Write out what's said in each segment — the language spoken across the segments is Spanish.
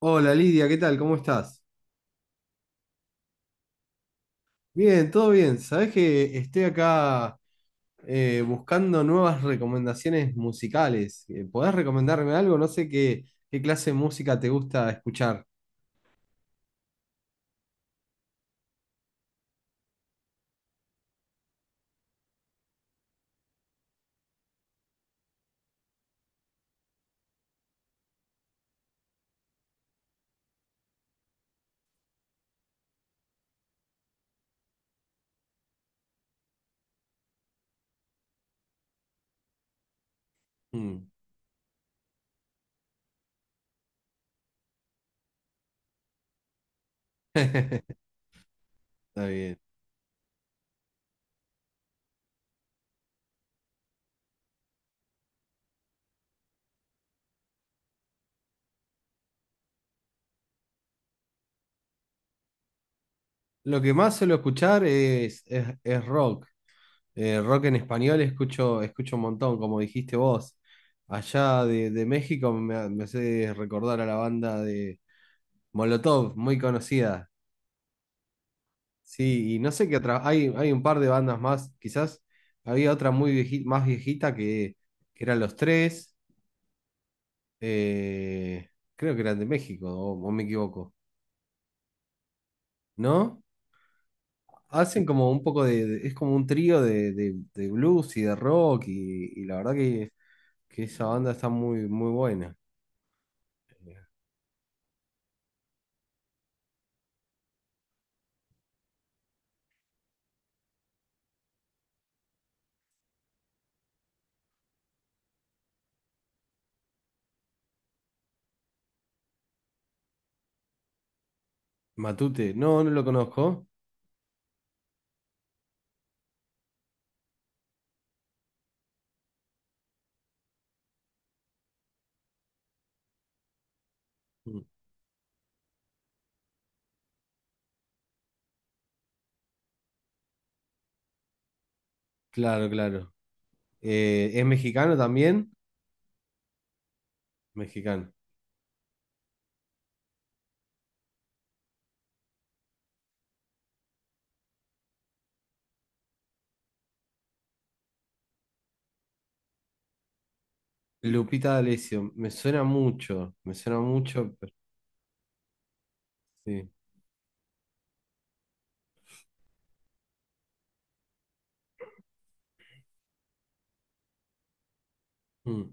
Hola Lidia, ¿qué tal? ¿Cómo estás? Bien, todo bien. Sabés que estoy acá, buscando nuevas recomendaciones musicales. ¿Podés recomendarme algo? No sé qué, qué clase de música te gusta escuchar. Mm. Está bien. Lo que más suelo escuchar es rock. Rock en español escucho un montón, como dijiste vos. Allá de México me hace recordar a la banda de Molotov, muy conocida. Sí, y no sé qué otra. Hay un par de bandas más, quizás. Había otra más viejita que eran los tres. eh, creo que eran de México, o me equivoco. ¿No? Hacen como un poco es como un trío de blues y de rock. Y la verdad que esa banda está muy, muy buena. Matute, no, no lo conozco. Mm, claro, claro. ¿Es mexicano también? Mexicano. Lupita D'Alessio, me suena mucho, me suena mucho, pero... Sí. Mm,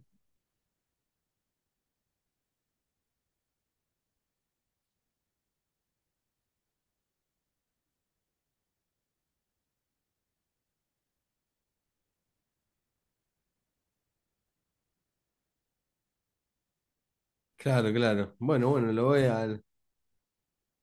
claro, claro. Bueno, bueno, lo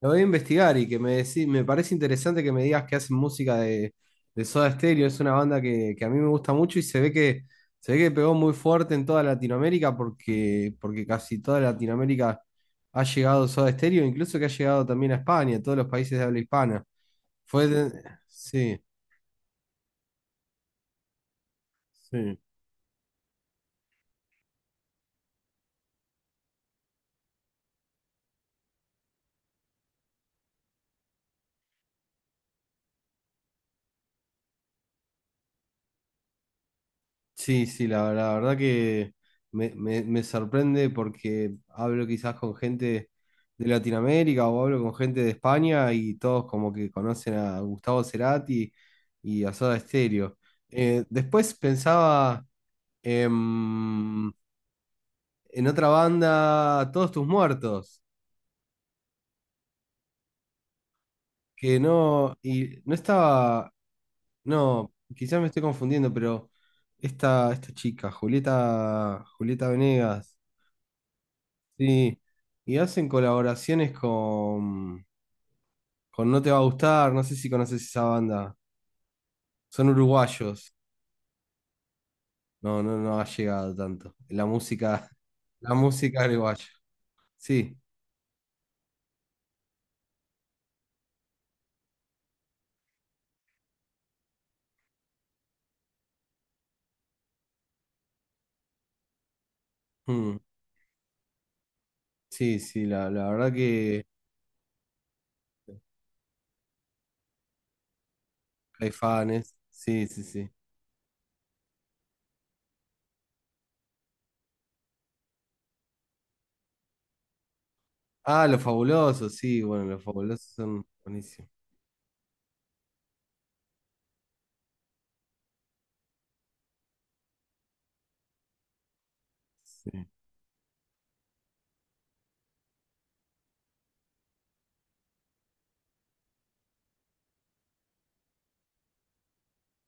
voy a investigar. Me parece interesante que me digas que hacen música de Soda Stereo. Es una banda que a mí me gusta mucho y se ve que pegó muy fuerte en toda Latinoamérica porque, porque casi toda Latinoamérica ha llegado Soda Stereo, incluso que ha llegado también a España, a todos los países de habla hispana. Fue de- sí, sí. Sí, sí, la verdad que me sorprende porque hablo quizás con gente de Latinoamérica o hablo con gente de España y todos como que conocen a Gustavo Cerati y a Soda Stereo. Después pensaba em, en otra banda, Todos tus muertos, que no, y no estaba, no, quizás me estoy confundiendo, pero esta chica, Julieta, Julieta Venegas. Sí, y hacen colaboraciones con No Te Va a Gustar, no sé si conoces esa banda, son uruguayos, no, no, no ha llegado tanto, la música, la música uruguaya, sí, mm, sí, sí, la verdad que hay fans, sí, sí, sí. Ah, Los Fabulosos, sí, bueno, Los Fabulosos son buenísimos, sí.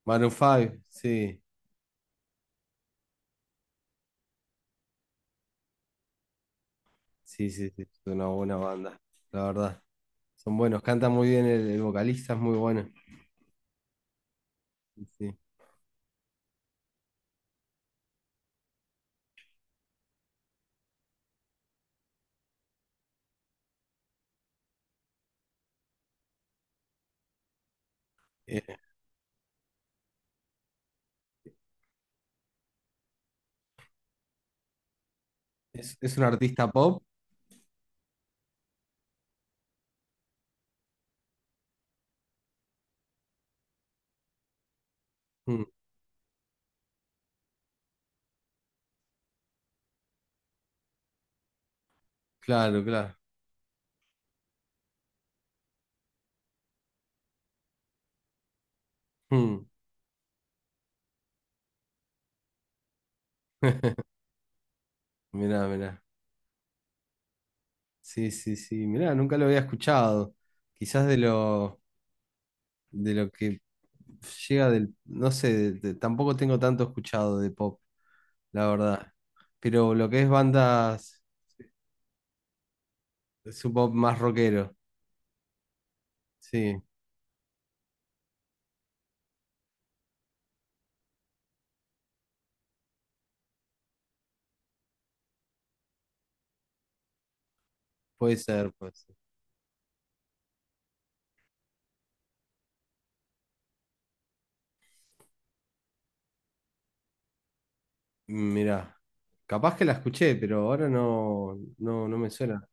Maroon 5, sí, sí, sí, sí, es una buena banda, la verdad, son buenos, cantan muy bien, el vocalista es muy bueno. Sí. Sí. Eh, es un artista pop. Mm, claro, claro. Mm, mirá, mirá. Sí, sí, sí. Mirá, nunca lo había escuchado. Quizás de lo que llega del, no sé, tampoco tengo tanto escuchado de pop, la verdad. Pero lo que es bandas, es un pop más rockero. Sí, puede ser, puede ser. Mirá, capaz que la escuché, pero ahora no, no, no me suena.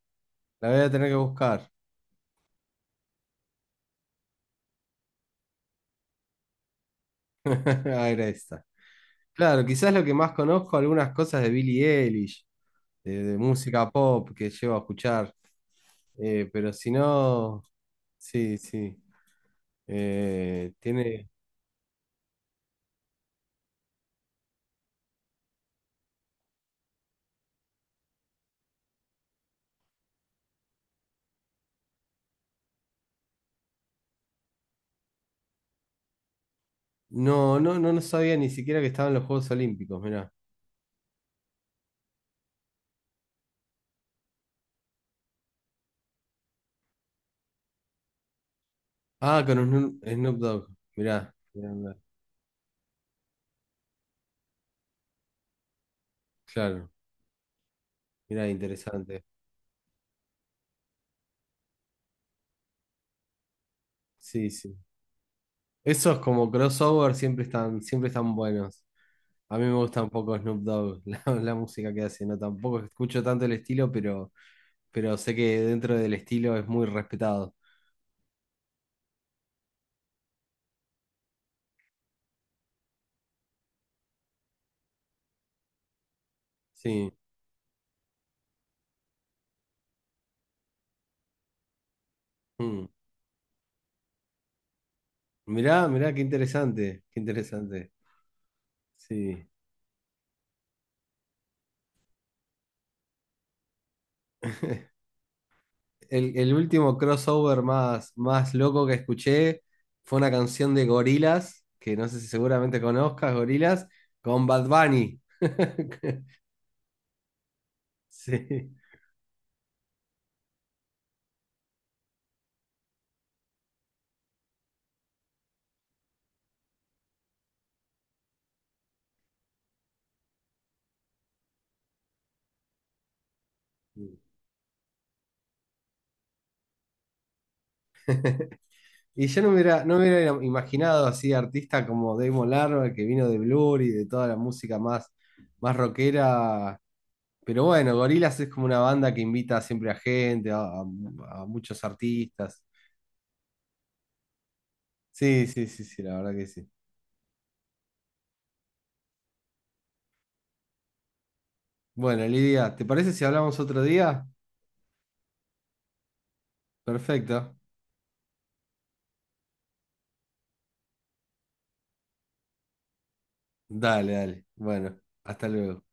La voy a tener que buscar. Ahí esta. Claro, quizás lo que más conozco, algunas cosas de Billie Eilish, de música pop que llevo a escuchar, pero si no, sí, sí. Tiene. No, no, no, no sabía ni siquiera que estaban los Juegos Olímpicos, mirá. Ah, con Snoop Dogg, mirá. Mirá, mirá. Claro, mirá, interesante. Sí, sí. Esos como crossover siempre están buenos. A mí me gusta un poco Snoop Dogg, la música que hace, ¿no? Tampoco escucho tanto el estilo, pero sé que dentro del estilo es muy respetado. Sí. Mm. Mirá, mirá, qué interesante, qué interesante. Sí. El último crossover más, más loco que escuché fue una canción de Gorillaz, que no sé si seguramente conozcas, Gorillaz, con Bad Bunny. Sí. Y yo no me hubiera, no me hubiera imaginado así artista como Damon Albarn, que vino de Blur y de toda la música más, más rockera. Pero bueno, Gorillaz es como una banda que invita siempre a gente, a muchos artistas. Sí, sí, sí, sí, la verdad que sí. Bueno, Lidia, ¿te parece si hablamos otro día? Perfecto. Dale, dale. Bueno, hasta luego.